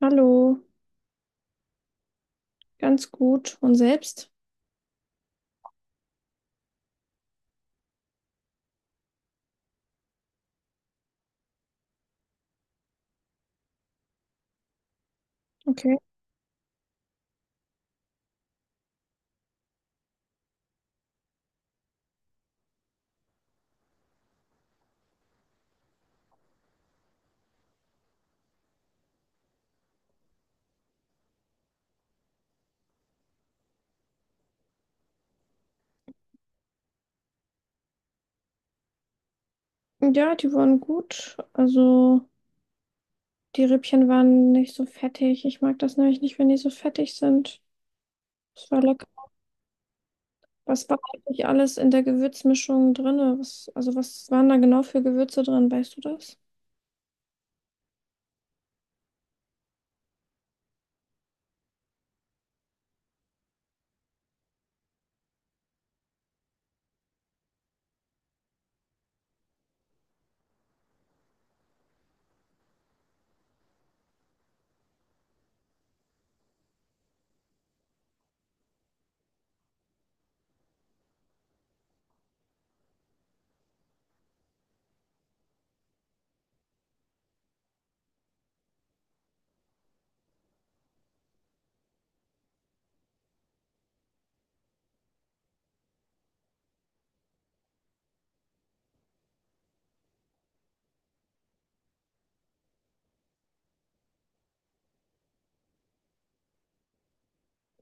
Hallo, ganz gut. Und selbst? Okay. Ja, die waren gut. Also die Rippchen waren nicht so fettig. Ich mag das nämlich nicht, wenn die so fettig sind. Es war lecker. Was war eigentlich alles in der Gewürzmischung drin? Also was waren da genau für Gewürze drin? Weißt du das?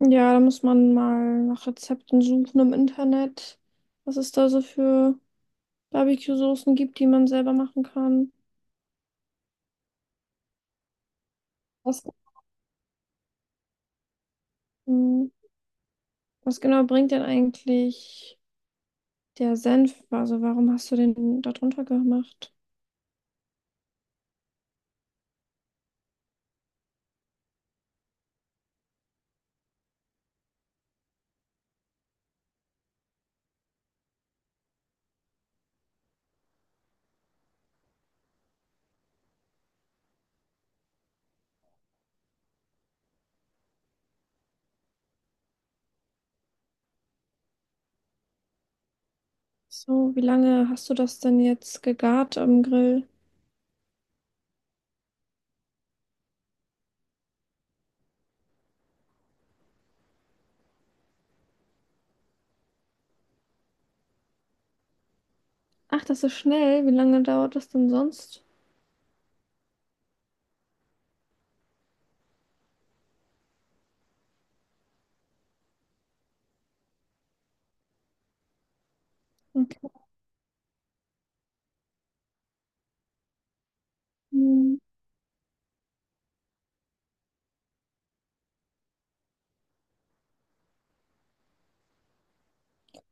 Ja, da muss man mal nach Rezepten suchen im Internet, was es da so für Barbecue-Soßen gibt, die man selber machen kann. Was, hm, was genau bringt denn eigentlich der Senf, also warum hast du den da drunter gemacht? So, wie lange hast du das denn jetzt gegart am Grill? Ach, das ist schnell. Wie lange dauert das denn sonst? Okay. Hm,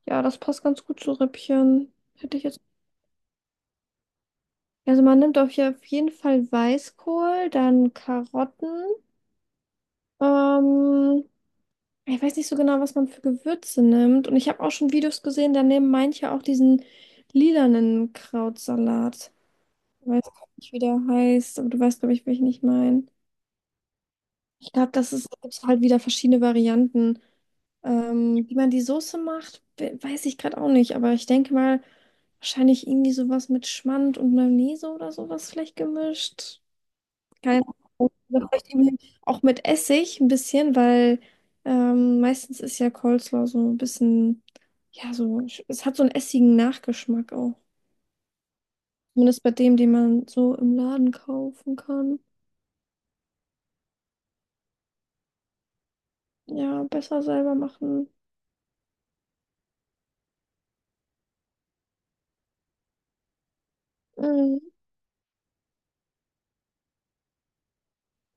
Ja, das passt ganz gut zu Rippchen. Hätte ich jetzt. Also man nimmt auf jeden Fall Weißkohl, dann Karotten. Ähm, ich weiß nicht so genau, was man für Gewürze nimmt. Und ich habe auch schon Videos gesehen, da nehmen manche auch diesen lilanen Krautsalat. Ich weiß gar nicht, wie der heißt, aber du weißt, glaube ich, welchen ich meine. Ich glaube, das ist, gibt's halt wieder verschiedene Varianten. Wie man die Soße macht, weiß ich gerade auch nicht, aber ich denke mal, wahrscheinlich irgendwie sowas mit Schmand und Mayonnaise oder sowas vielleicht gemischt. Keine Ahnung. Oder vielleicht irgendwie auch mit Essig ein bisschen, weil meistens ist ja Coleslaw so ein bisschen, ja, so, es hat so einen essigen Nachgeschmack auch. Zumindest bei dem, den man so im Laden kaufen kann. Ja, besser selber machen. Mhm.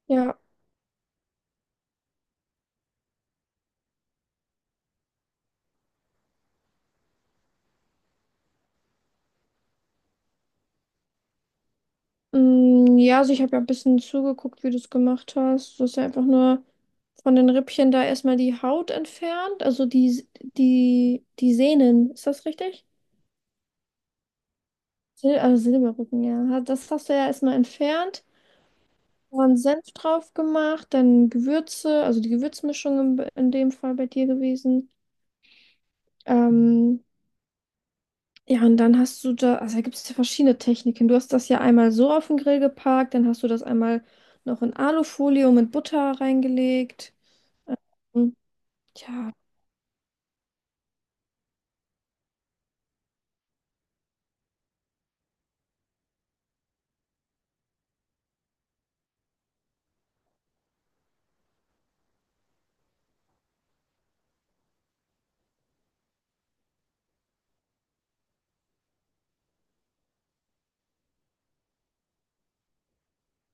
Ja, ja, also ich habe ja ein bisschen zugeguckt, wie du es gemacht hast. Du hast ja einfach nur von den Rippchen da erstmal die Haut entfernt, also die Sehnen. Ist das richtig? Sil also Silberrücken, ja. Das hast du ja erstmal entfernt, dann Senf drauf gemacht, dann Gewürze, also die Gewürzmischung in dem Fall bei dir gewesen. Ähm, Ja, und dann hast du da, also da gibt es ja verschiedene Techniken. Du hast das ja einmal so auf den Grill geparkt, dann hast du das einmal noch in Alufolie und mit Butter reingelegt. Und ja,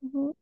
mhm.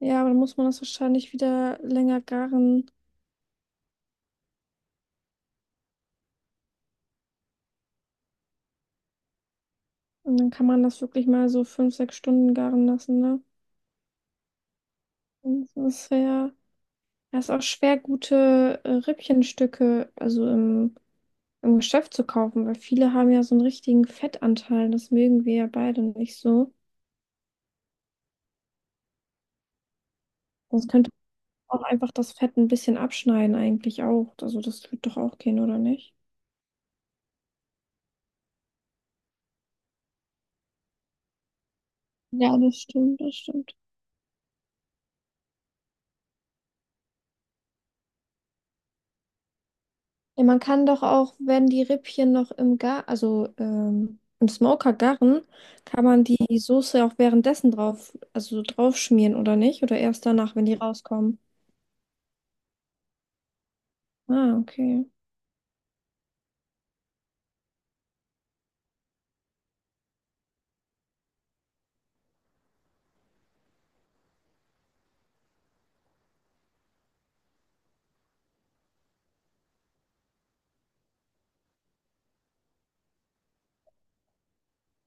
Ja, aber dann muss man das wahrscheinlich wieder länger garen. Und dann kann man das wirklich mal so 5, 6 Stunden garen lassen, ne? Und das ist ja, das ist auch schwer, gute Rippchenstücke, also im Geschäft zu kaufen, weil viele haben ja so einen richtigen Fettanteil. Das mögen wir ja beide nicht so. Sonst könnte auch einfach das Fett ein bisschen abschneiden eigentlich auch. Also das wird doch auch gehen, oder nicht? Ja, das stimmt, das stimmt. Ja, man kann doch auch, wenn die Rippchen noch im Gar, also im Smoker garen, kann man die Soße auch währenddessen drauf, also so drauf schmieren, oder nicht? Oder erst danach, wenn die rauskommen. Ah, okay.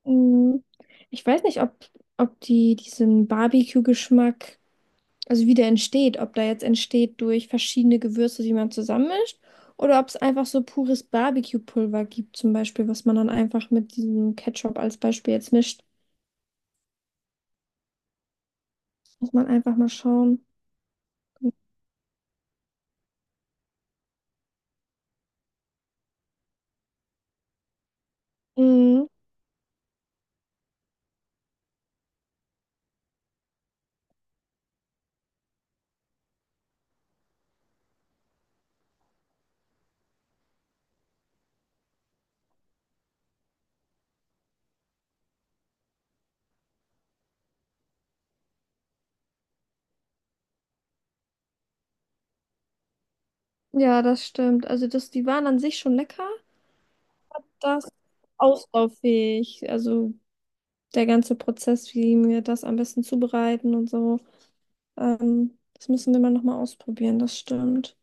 Mm. Ich weiß nicht, ob die diesen Barbecue-Geschmack, also wie der entsteht, ob der jetzt entsteht durch verschiedene Gewürze, die man zusammenmischt, oder ob es einfach so pures Barbecue-Pulver gibt, zum Beispiel, was man dann einfach mit diesem Ketchup als Beispiel jetzt mischt. Muss man einfach mal schauen. Mhm. Ja, das stimmt. Also das, die waren an sich schon lecker. Das auslauffähig. Also der ganze Prozess, wie wir das am besten zubereiten und so. Das müssen wir mal nochmal ausprobieren, das stimmt.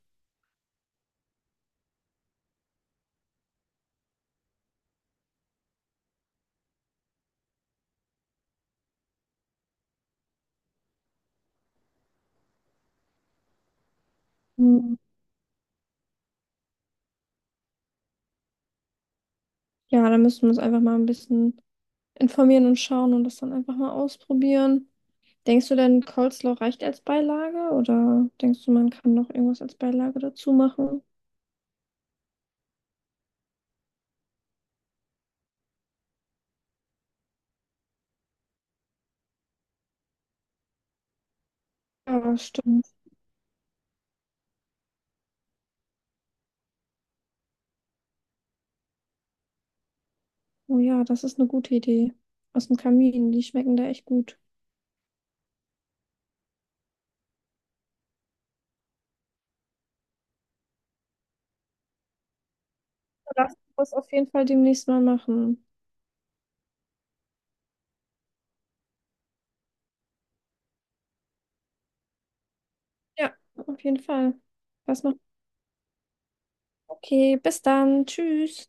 Mhm. Ja, da müssen wir uns einfach mal ein bisschen informieren und schauen und das dann einfach mal ausprobieren. Denkst du denn, Coleslaw reicht als Beilage oder denkst du, man kann noch irgendwas als Beilage dazu machen? Ja, stimmt. Oh ja, das ist eine gute Idee. Aus dem Kamin, die schmecken da echt gut. Lass uns das auf jeden Fall demnächst mal machen. Ja, auf jeden Fall. Was noch? Okay, bis dann. Tschüss.